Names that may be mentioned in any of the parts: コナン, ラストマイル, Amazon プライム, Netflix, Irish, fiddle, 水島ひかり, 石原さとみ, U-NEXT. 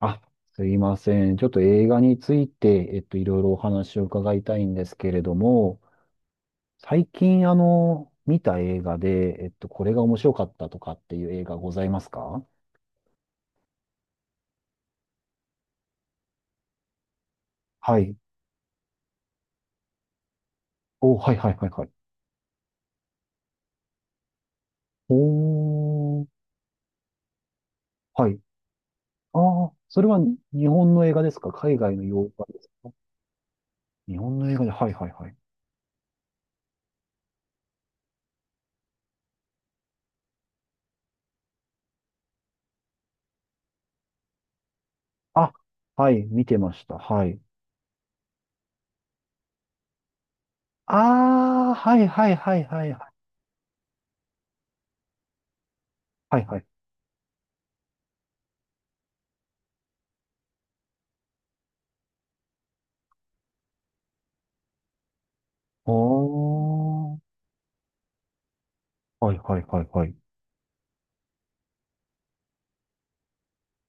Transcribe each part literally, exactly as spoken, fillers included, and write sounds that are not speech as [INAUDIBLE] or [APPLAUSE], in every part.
あ、すいません。ちょっと映画について、えっと、いろいろお話を伺いたいんですけれども、最近、あの、見た映画で、えっと、これが面白かったとかっていう映画ございますか？はい。お、はいはいはいはい。おー、はい。ああ、それは日本の映画ですか？海外の洋画ですか？日本の映画で、はいはいはい。あ、はい、見てました。はい。ああ、はいはいはいはいはい。はいはい。おー、はいはいはいはい。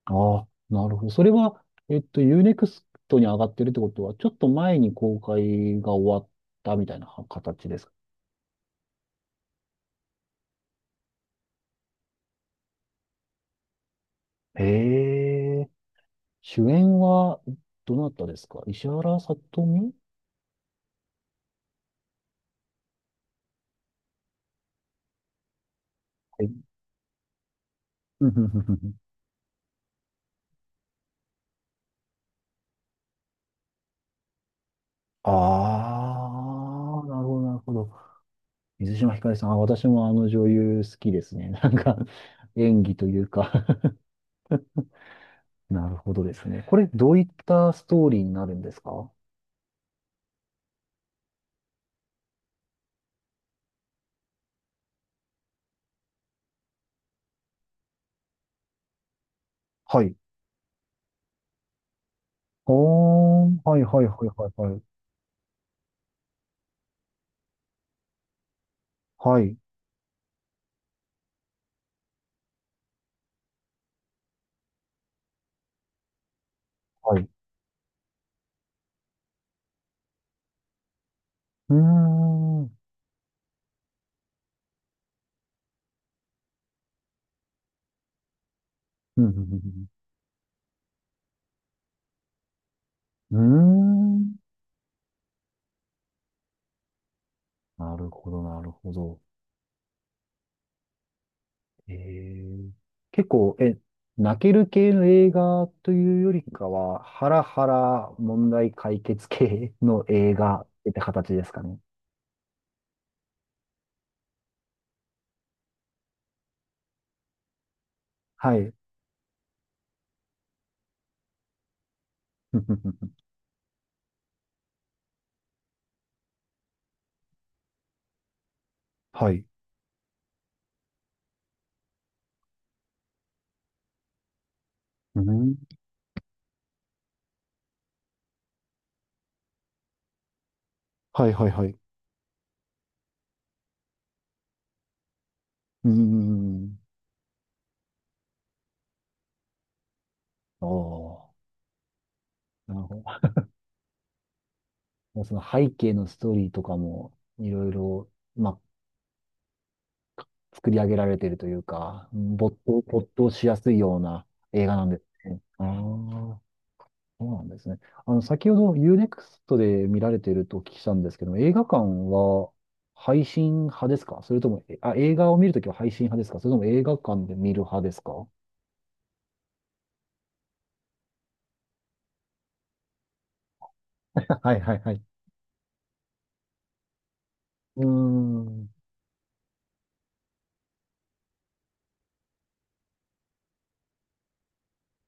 ああ、なるほど。それは、えっと、U ネクストに上がってるってことは、ちょっと前に公開が終わったみたいな形ですか？へえ。主演は、どなたですか？石原さとみ？はい。[LAUGHS] うんうんうんうん。ああ、なるほど、なるほど。水島ひかりさん、あ私もあの女優好きですね。[LAUGHS] なんか、演技というか。 [LAUGHS] なるほどですね。これ、どういったストーリーになるんですか？はい。あー、はい、はい、はい、はい、はい。はい。はい。うーん。うんうんうんうん。うーん。なるほど、なるほど。えー、結構、え、泣ける系の映画というよりかは、ハラハラ問題解決系の映画って形ですかね。はい。ふふふふ。はい。うん。はいはいはい。うん。ああ、なるほど。その背景のストーリーとかも、いろいろ、まあ、作り上げられているというか、うん、没頭、没頭しやすいような映画なんですね。ああ、そうなんですね。あの、先ほどユーネクストで見られているとお聞きしたんですけども、映画館は配信派ですか？それとも、え、あ、映画を見るときは配信派ですか？それとも映画館で見る派ですか？ [LAUGHS] はいはいはい。うーん。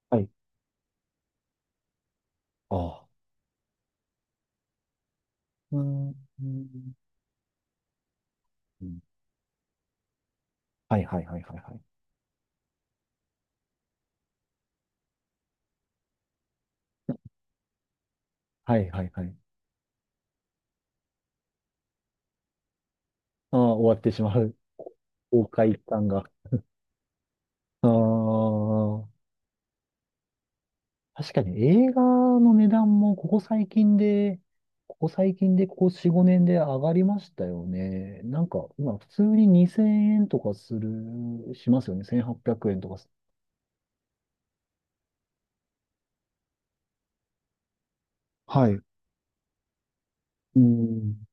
はい。ああ。うーん。うん。はいはいはいはいはい。はいはいはい。ああ、終わってしまう。公開感が。ああ。確かに映画の値段もここ最近で、ここ最近でここよん、ごねんで上がりましたよね。なんか今普通ににせんえんとかする、しますよね。せんはっぴゃくえんとかす。はい。うーん。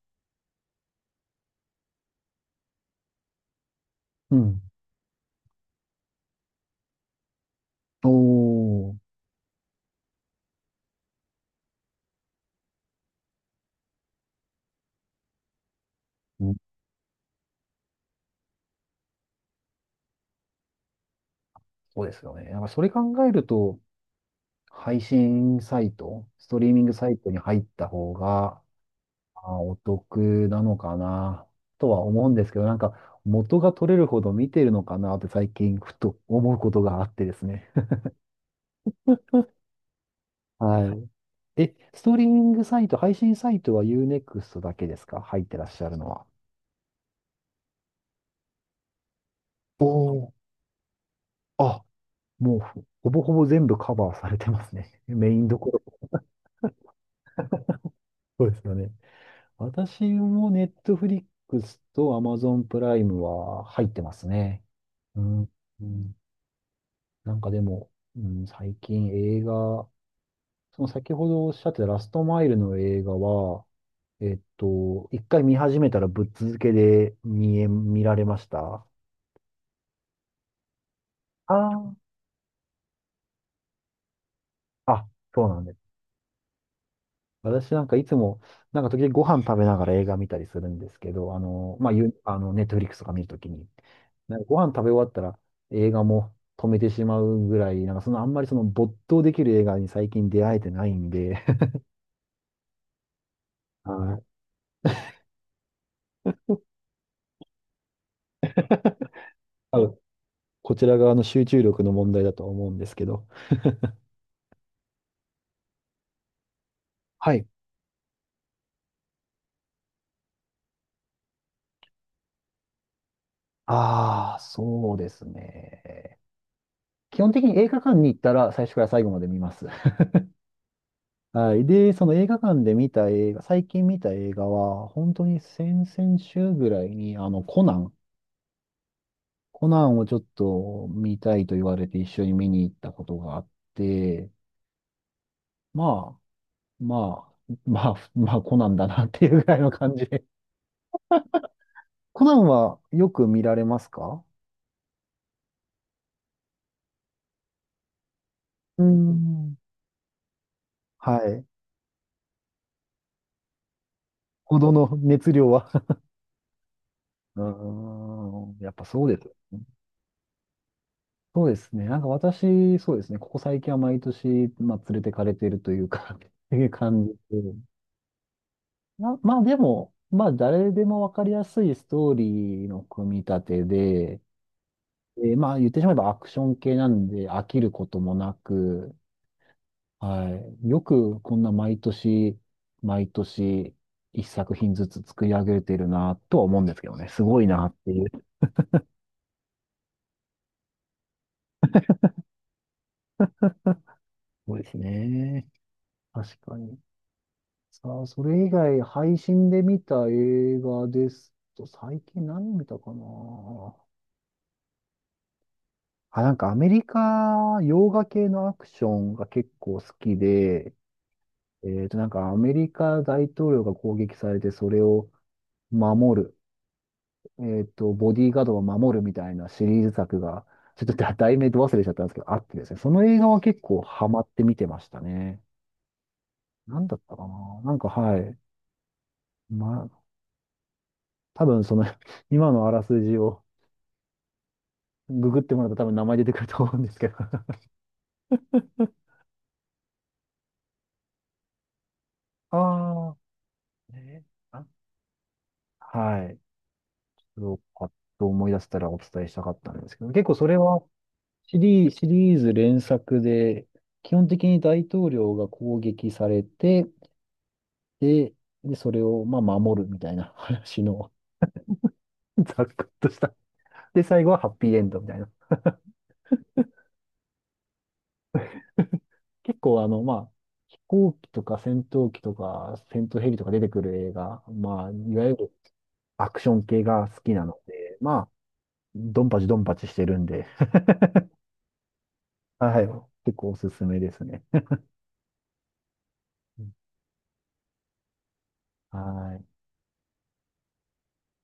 うん。おー。うん。そうですよね。なんかそれ考えると、配信サイト、ストリーミングサイトに入った方が、あ、お得なのかな、とは思うんですけど、なんか、元が取れるほど見てるのかなって最近ふと思うことがあってですね。[LAUGHS] はい。え、ストリーミングサイト、配信サイトは U-ネクスト だけですか？入ってらっしゃるのは。おお、あ、もうほほぼほぼ全部カバーされてますね。[LAUGHS] メインどころ。そうですよね。私も Netflix と Amazon プライムは入ってますね。うん。うん。なんかでも、うん、最近映画、その先ほどおっしゃってたラストマイルの映画は、えっと、一回見始めたらぶっ続けで見え、見られました？ああ、あ、そうなんです。私なんかいつも、なんか時々ご飯食べながら映画見たりするんですけど、あの、まあ、ゆ、あの、ネットフリックスとか見るときに、なんかご飯食べ終わったら映画も止めてしまうぐらい、なんかそのあんまりその没頭できる映画に最近出会えてないんで。[LAUGHS] はい。[LAUGHS] 多分こちら側の集中力の問題だと思うんですけど、はい。ああ、そうですね。基本的に映画館に行ったら最初から最後まで見ます。[LAUGHS] はい。で、その映画館で見た映画、最近見た映画は、本当に先々週ぐらいに、あの、コナン、コナンをちょっと見たいと言われて一緒に見に行ったことがあって、まあ、まあ、[LAUGHS] まあ、まあ、コナンだなっていうぐらいの感じで。[LAUGHS] コナンはよく見られますか？うーん。はい。ほどの熱量は。[LAUGHS] うーん、やっぱそうです。そうですね。なんか私、そうですね。ここ最近は毎年、まあ、連れてかれているというか。 [LAUGHS] っていう感じで。な、まあでも、まあ誰でもわかりやすいストーリーの組み立てで、えーまあ言ってしまえばアクション系なんで飽きることもなく、はい。よくこんな毎年、毎年、一作品ずつ作り上げてるなとは思うんですけどね。すごいなっていう。そうですね。確かに。さあ、それ以外、配信で見た映画ですと、最近何見たかな。あ、なんかアメリカ、洋画系のアクションが結構好きで、えっと、なんかアメリカ大統領が攻撃されて、それを守る、えっと、ボディーガードを守るみたいなシリーズ作が、ちょっとだ題名ど忘れしちゃったんですけど、あってですね、その映画は結構ハマって見てましたね。なんだったかな。なんかはい。まあ、多分その [LAUGHS] 今のあらすじを、ググってもらうと多分名前出てくると思うんですけど。[LAUGHS] ああ。ね、あ、はい。それをパッと思い出せたらお伝えしたかったんですけど、結構それはシリー、シリーズ連作で、基本的に大統領が攻撃されて、で、で、それをまあ守るみたいな話の。 [LAUGHS] ざっくっとした。で、最後はハッピーエンドみたいな。結構あの、まあ、飛行機とか戦闘機とか戦闘ヘリとか出てくる映画、まあ、いわゆるアクション系が好きなので、まドンパチドンパチしてるんで、[LAUGHS] はい。結構おすすめですね。うん、はい。